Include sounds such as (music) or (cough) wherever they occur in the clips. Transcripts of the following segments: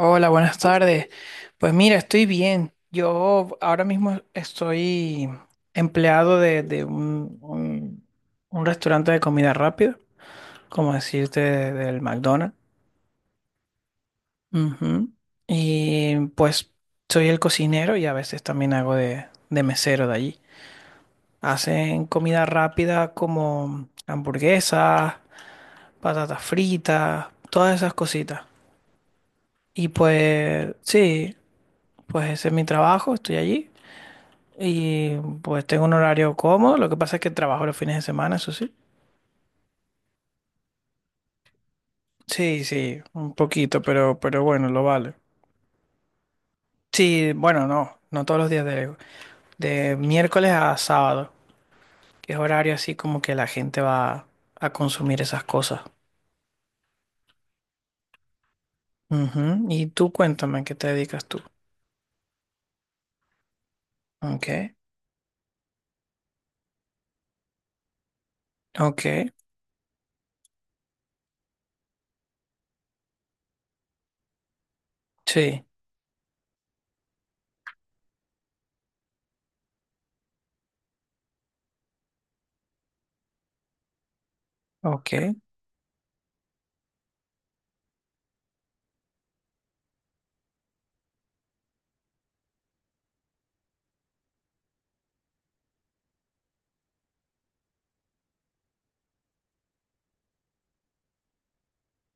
Hola, buenas tardes. Pues mira, estoy bien. Yo ahora mismo estoy empleado de un restaurante de comida rápida, como decirte, del McDonald's. Ujú. Y pues soy el cocinero y a veces también hago de mesero de allí. Hacen comida rápida como hamburguesas, patatas fritas, todas esas cositas. Y pues sí, pues ese es mi trabajo, estoy allí. Y pues tengo un horario cómodo, lo que pasa es que trabajo los fines de semana, eso sí. Sí, sí, un poquito, pero bueno, lo vale. Sí, bueno, no, no todos los días de miércoles a sábado, que es horario así como que la gente va a consumir esas cosas. Ujú. Y tú cuéntame, ¿a ¿qué te dedicas tú? Ok, ok, sí, ok,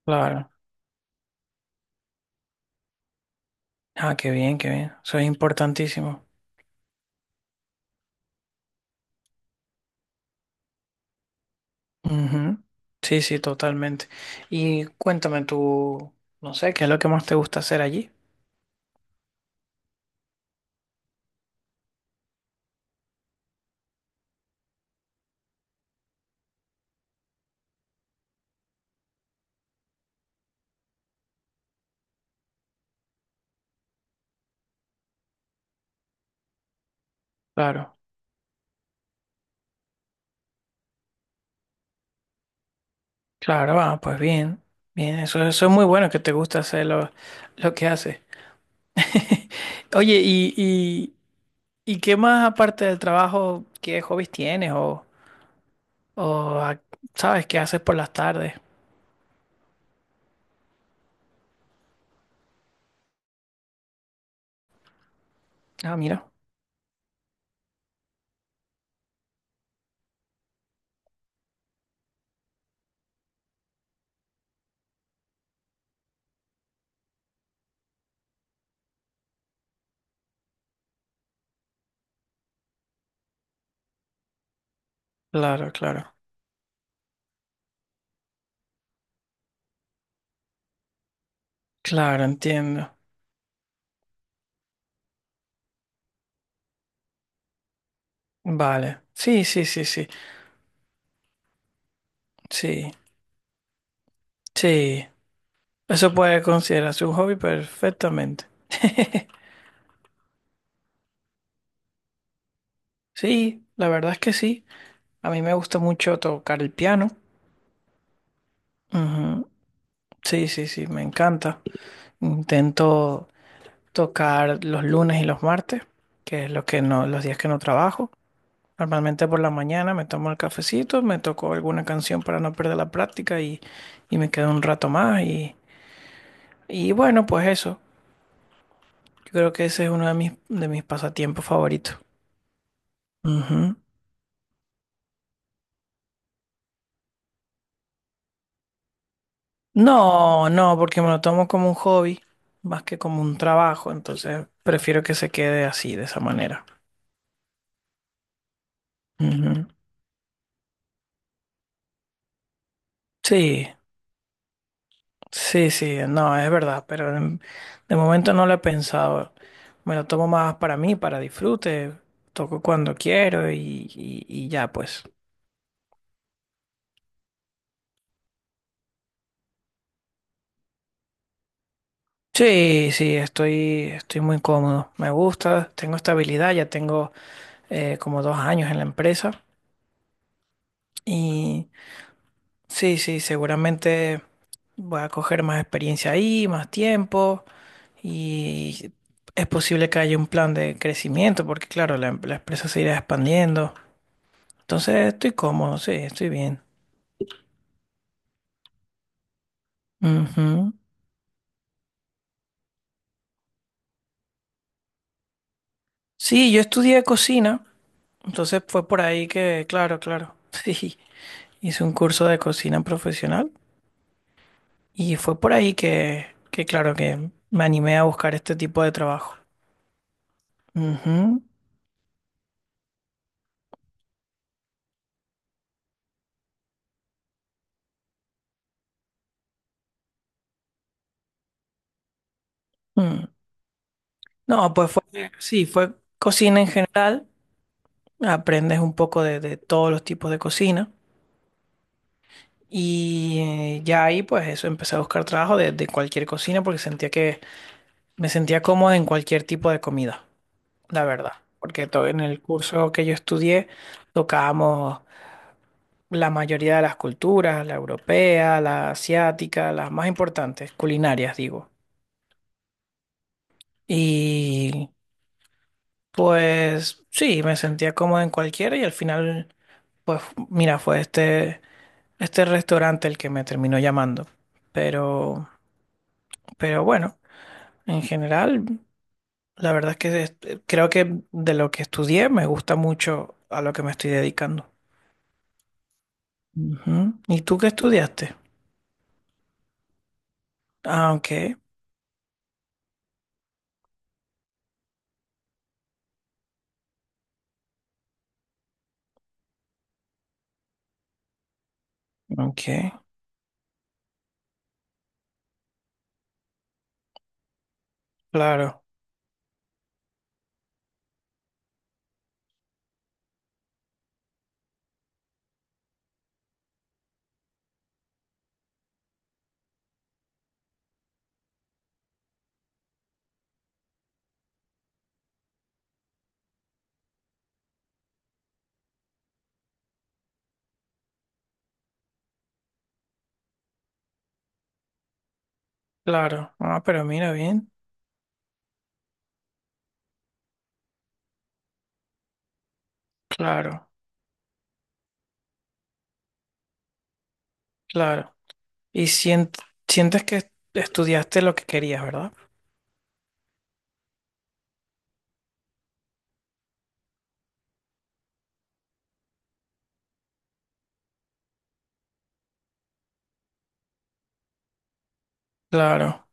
claro. Ah, qué bien, eso es importantísimo. Ujú. Sí, sí, totalmente. Y cuéntame tú, no sé, ¿qué es lo que más te gusta hacer allí? Claro, claro, ah, pues bien, bien, eso es muy bueno que te gusta hacer lo que haces. (laughs) Oye, ¿y qué más aparte del trabajo, qué hobbies tienes o sabes qué haces por las tardes? Ah, mira, claro, claro, claro, entiendo. Vale, sí, sí, sí, sí, sí, sí. Eso puede considerarse un hobby perfectamente. Sí, la verdad es que sí. A mí me gusta mucho tocar el piano. Ujú. Sí, sí, sí, me encanta. Intento tocar los lunes y los martes, que es lo que no, los días que no trabajo. Normalmente por la mañana me tomo el cafecito, me toco alguna canción para no perder la práctica y me quedo un rato más. Y bueno, pues eso. Yo creo que ese es uno de mis pasatiempos favoritos. Ujú. No, no, porque me lo tomo como un hobby más que como un trabajo, entonces prefiero que se quede así, de esa manera. Ujú. Sí, sí, sí, no, es verdad, pero de momento no lo he pensado. Me lo tomo más para mí, para disfrute, toco cuando quiero y ya pues. Sí, sí, estoy muy cómodo, me gusta, tengo estabilidad, ya tengo como dos años en la empresa y sí, sí, seguramente... Voy a coger más experiencia ahí, más tiempo y es posible que haya un plan de crecimiento porque claro, la empresa se irá expandiendo. Entonces estoy cómodo, sí, estoy bien. Ujú. Sí, yo estudié cocina, entonces fue por ahí que, claro, claro, (laughs) sí, hice un curso de cocina profesional y fue por ahí que claro, que me animé a buscar este tipo de trabajo. Ujú. Mm. No, pues fue, sí, fue cocina en general. Aprendes un poco de todos los tipos de cocina y ya ahí pues eso empecé a buscar trabajo de cualquier cocina porque sentía que me sentía cómodo en cualquier tipo de comida, la verdad, porque en el curso que yo estudié tocábamos la mayoría de las culturas, la europea, la asiática, las más importantes, culinarias digo. Y pues sí, me sentía cómodo en cualquiera y al final pues mira, fue este restaurante el que me terminó llamando. Pero, pero bueno, en general, la verdad es que creo que de lo que estudié me gusta mucho a lo que me estoy dedicando. Ujú. ¿Y tú qué estudiaste? Ah, ok, ok, claro, claro. Ah, pero mira bien, claro, claro. Y sientes que estudiaste lo que querías, ¿verdad? Claro,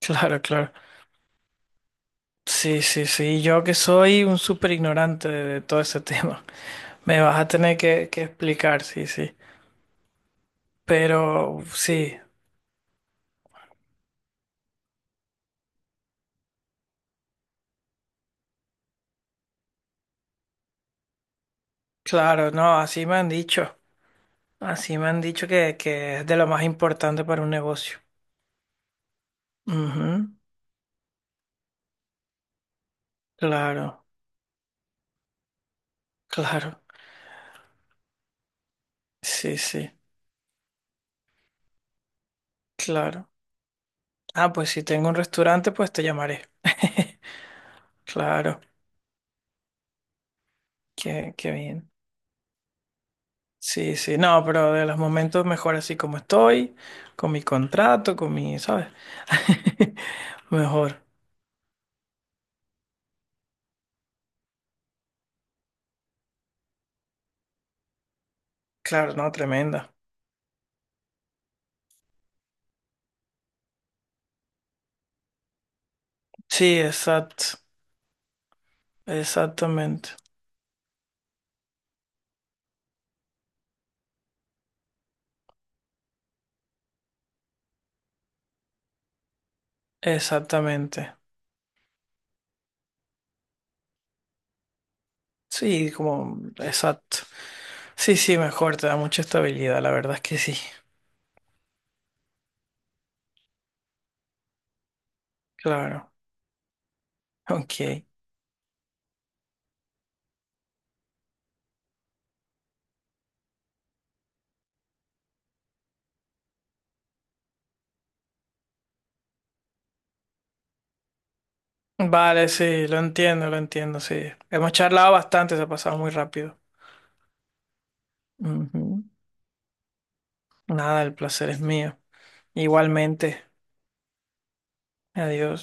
(laughs) claro, claro. Sí, sí, sí. Yo que soy un súper ignorante de todo ese (laughs) tema. Me vas a tener que explicar, sí, sí. Pero sí, claro, no, así me han dicho. Así me han dicho que es de lo más importante para un negocio. Ujú. Claro, claro. Sí, sí, claro. Ah, pues si tengo un restaurante, pues te llamaré. (laughs) Claro, qué, qué bien. Sí, sí, no, pero de los momentos mejor así como estoy, con mi contrato, con mi, ¿sabes? (laughs) Mejor. Claro, no, tremenda. Sí, exacto. Exactamente, exactamente. Sí, como, exacto. Sí, sí, mejor, te da mucha estabilidad, la verdad es que sí, claro. Ok. Vale, sí, lo entiendo, sí. Hemos charlado bastante, se ha pasado muy rápido. Ujú. Nada, el placer es mío. Igualmente, adiós.